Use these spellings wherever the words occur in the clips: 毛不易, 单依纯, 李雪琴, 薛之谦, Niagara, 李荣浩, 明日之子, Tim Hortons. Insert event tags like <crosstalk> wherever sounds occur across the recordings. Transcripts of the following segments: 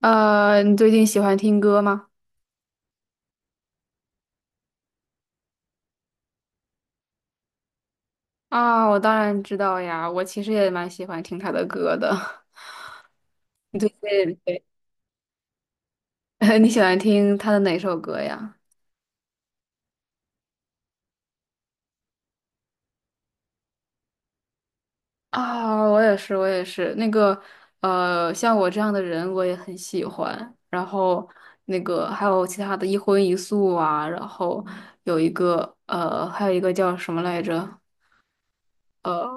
你最近喜欢听歌吗？啊，我当然知道呀，我其实也蛮喜欢听他的歌的。<laughs> 你最近对 <laughs> 你喜欢听他的哪首歌呀？啊，我也是，我也是。那个，像我这样的人，我也很喜欢。然后，那个还有其他的一荤一素啊，然后有一个，还有一个叫什么来着？呃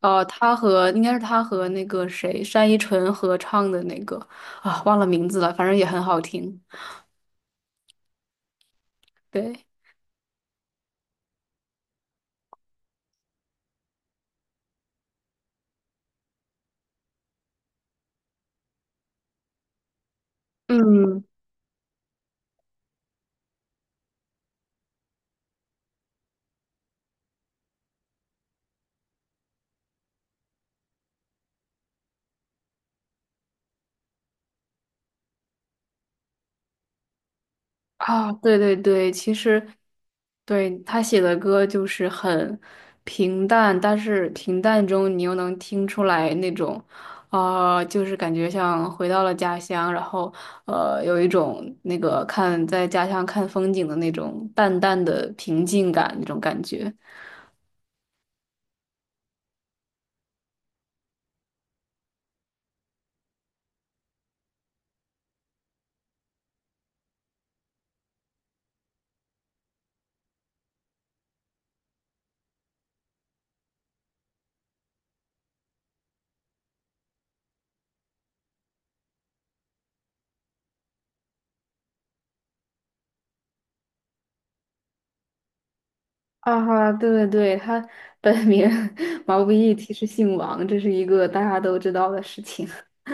他和应该是他和那个谁单依纯合唱的那个啊，忘了名字了，反正也很好听。对，嗯啊，对对对，其实对他写的歌就是很平淡，但是平淡中你又能听出来那种。啊、就是感觉像回到了家乡，然后有一种那个看在家乡看风景的那种淡淡的平静感，那种感觉。啊哈，对对对，他本名 <laughs> 毛不易，其实姓王，这是一个大家都知道的事情。<laughs>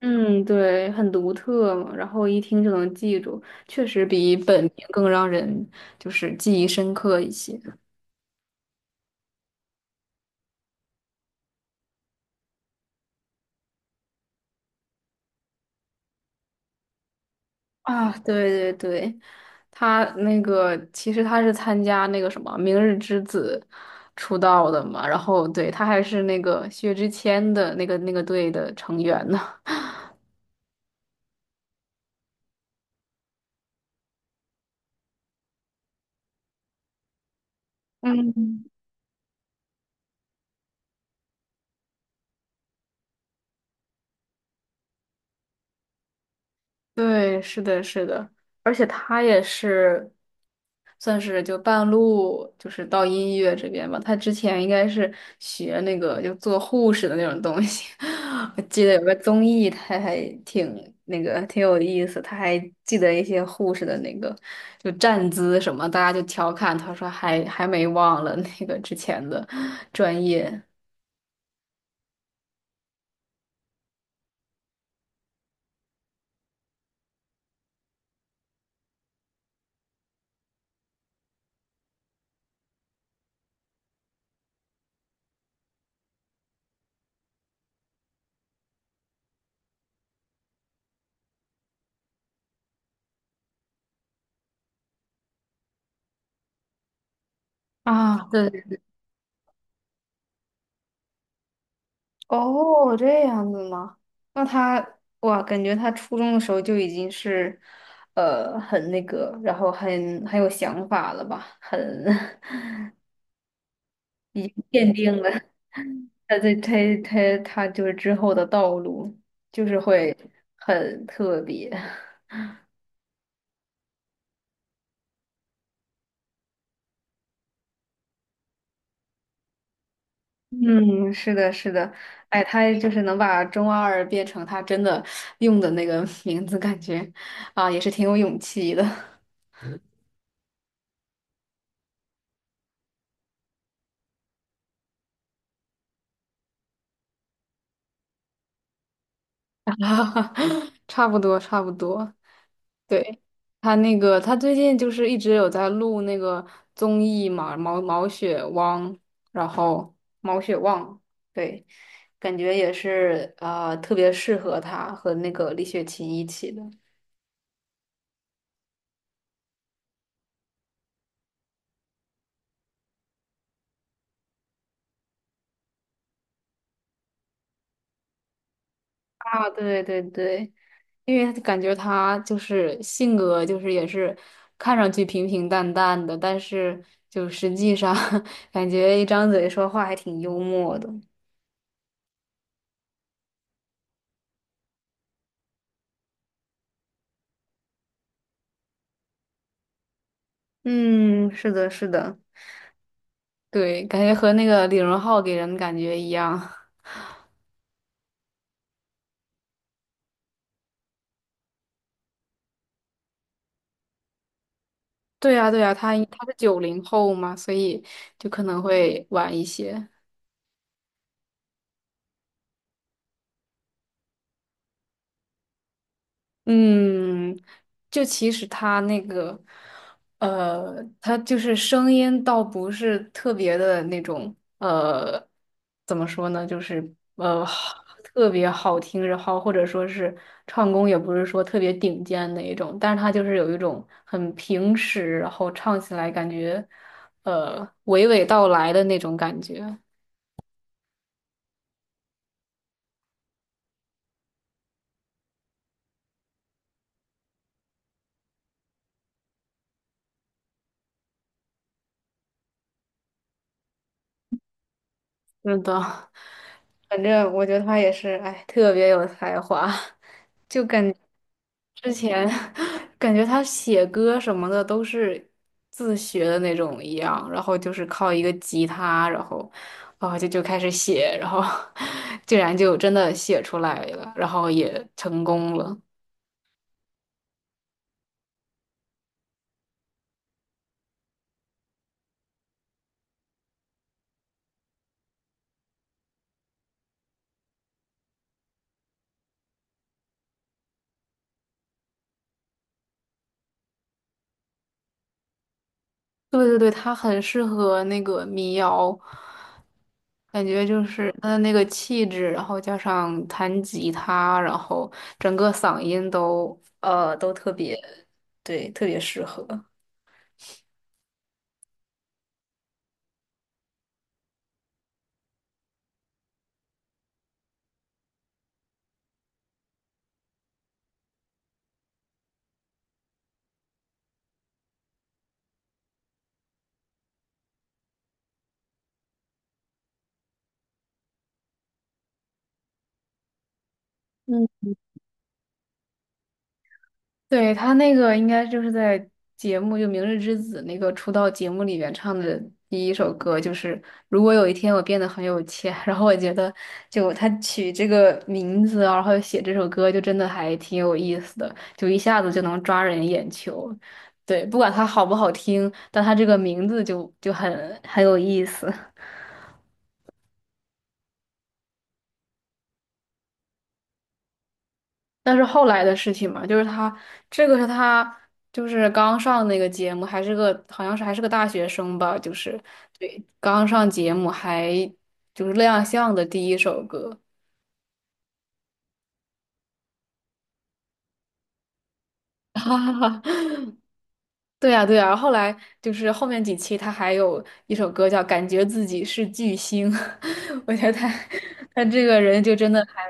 嗯，对，很独特嘛，然后一听就能记住，确实比本名更让人就是记忆深刻一些。啊，对对对，他那个其实他是参加那个什么《明日之子》出道的嘛，然后对他还是那个薛之谦的那个队的成员呢。嗯。对，是的，是的，而且他也是算是就半路就是到音乐这边吧。他之前应该是学那个就做护士的那种东西，<laughs> 我记得有个综艺，他还挺那个挺有意思，他还记得一些护士的那个就站姿什么，大家就调侃他说还没忘了那个之前的专业啊。对哦，这样子吗？那他，哇，感觉他初中的时候就已经是，很那个，然后很有想法了吧？很，<laughs> 已经奠定了他这他他他就是之后的道路，就是会很特别。嗯，是的，是的，哎，他就是能把中二变成他真的用的那个 <laughs> 名字，感觉啊，也是挺有勇气的。<laughs> 差不多，差不多。对，他那个，他最近就是一直有在录那个综艺嘛，毛毛血汪，然后毛血旺，对，感觉也是特别适合他和那个李雪琴一起的啊，对对对，因为感觉他就是性格就是也是看上去平平淡淡的，但是就实际上 <laughs> 感觉一张嘴说话还挺幽默的。嗯，是的，是的。对，感觉和那个李荣浩给人的感觉一样。<laughs> 对呀，对呀，他他是九零后嘛，所以就可能会晚一些。嗯，就其实他那个，他就是声音倒不是特别的那种，怎么说呢，就是好特别好听，然后或者说是唱功也不是说特别顶尖的一种，但是他就是有一种很平实，然后唱起来感觉，娓娓道来的那种感觉，<laughs> 是的，<laughs> 反正我觉得他也是，哎，特别有才华，<laughs> 就感之前 <laughs> 感觉他写歌什么的都是自学的那种一样，然后就是靠一个吉他，然后哦就开始写，然后 <laughs> 竟然就真的写出来了，然后也成功了。对对对，它很适合那个民谣，感觉就是它的那个气质，然后加上弹吉他，然后整个嗓音都都特别，对，特别适合。嗯，对，他那个应该就是在节目就《明日之子》那个出道节目里面唱的第一首歌，就是如果有一天我变得很有钱，<laughs> 然后我觉得就他取这个名字啊然后写这首歌，就真的还挺有意思的，就一下子就能抓人眼球。对，不管它好不好听，但它这个名字就很有意思。那是后来的事情嘛，就是他这个是他就是刚上那个节目，还是个好像是还是个大学生吧，就是对刚上节目还就是亮相的第一首歌。<laughs> 对呀，对呀，后来就是后面几期他还有一首歌叫《感觉自己是巨星》，<laughs> 我觉得他这个人就真的还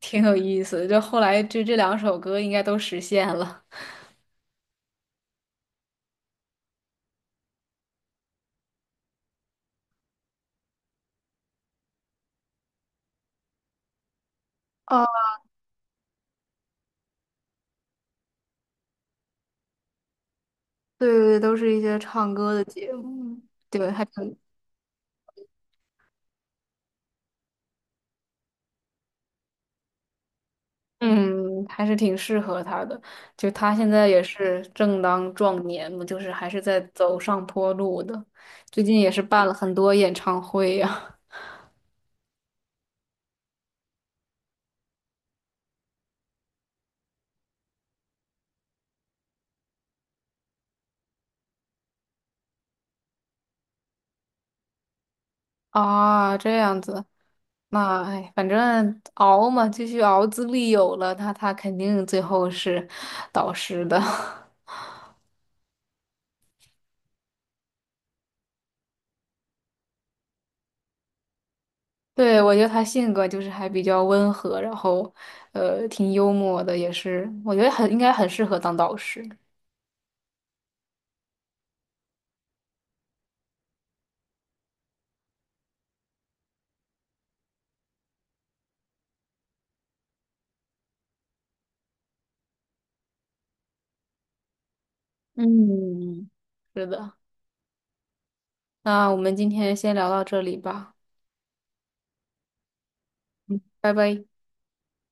挺有意思的，就后来就这两首歌应该都实现了。哦，对对对，都是一些唱歌的节目，对，还挺嗯，还是挺适合他的。就他现在也是正当壮年嘛，就是还是在走上坡路的。最近也是办了很多演唱会呀、<laughs> 啊。这样子，那哎，反正熬嘛，继续熬，资历有了，他肯定最后是导师的。<laughs> 对，我觉得他性格就是还比较温和，然后挺幽默的，也是我觉得很应该很适合当导师。嗯，是的。那我们今天先聊到这里吧，拜拜。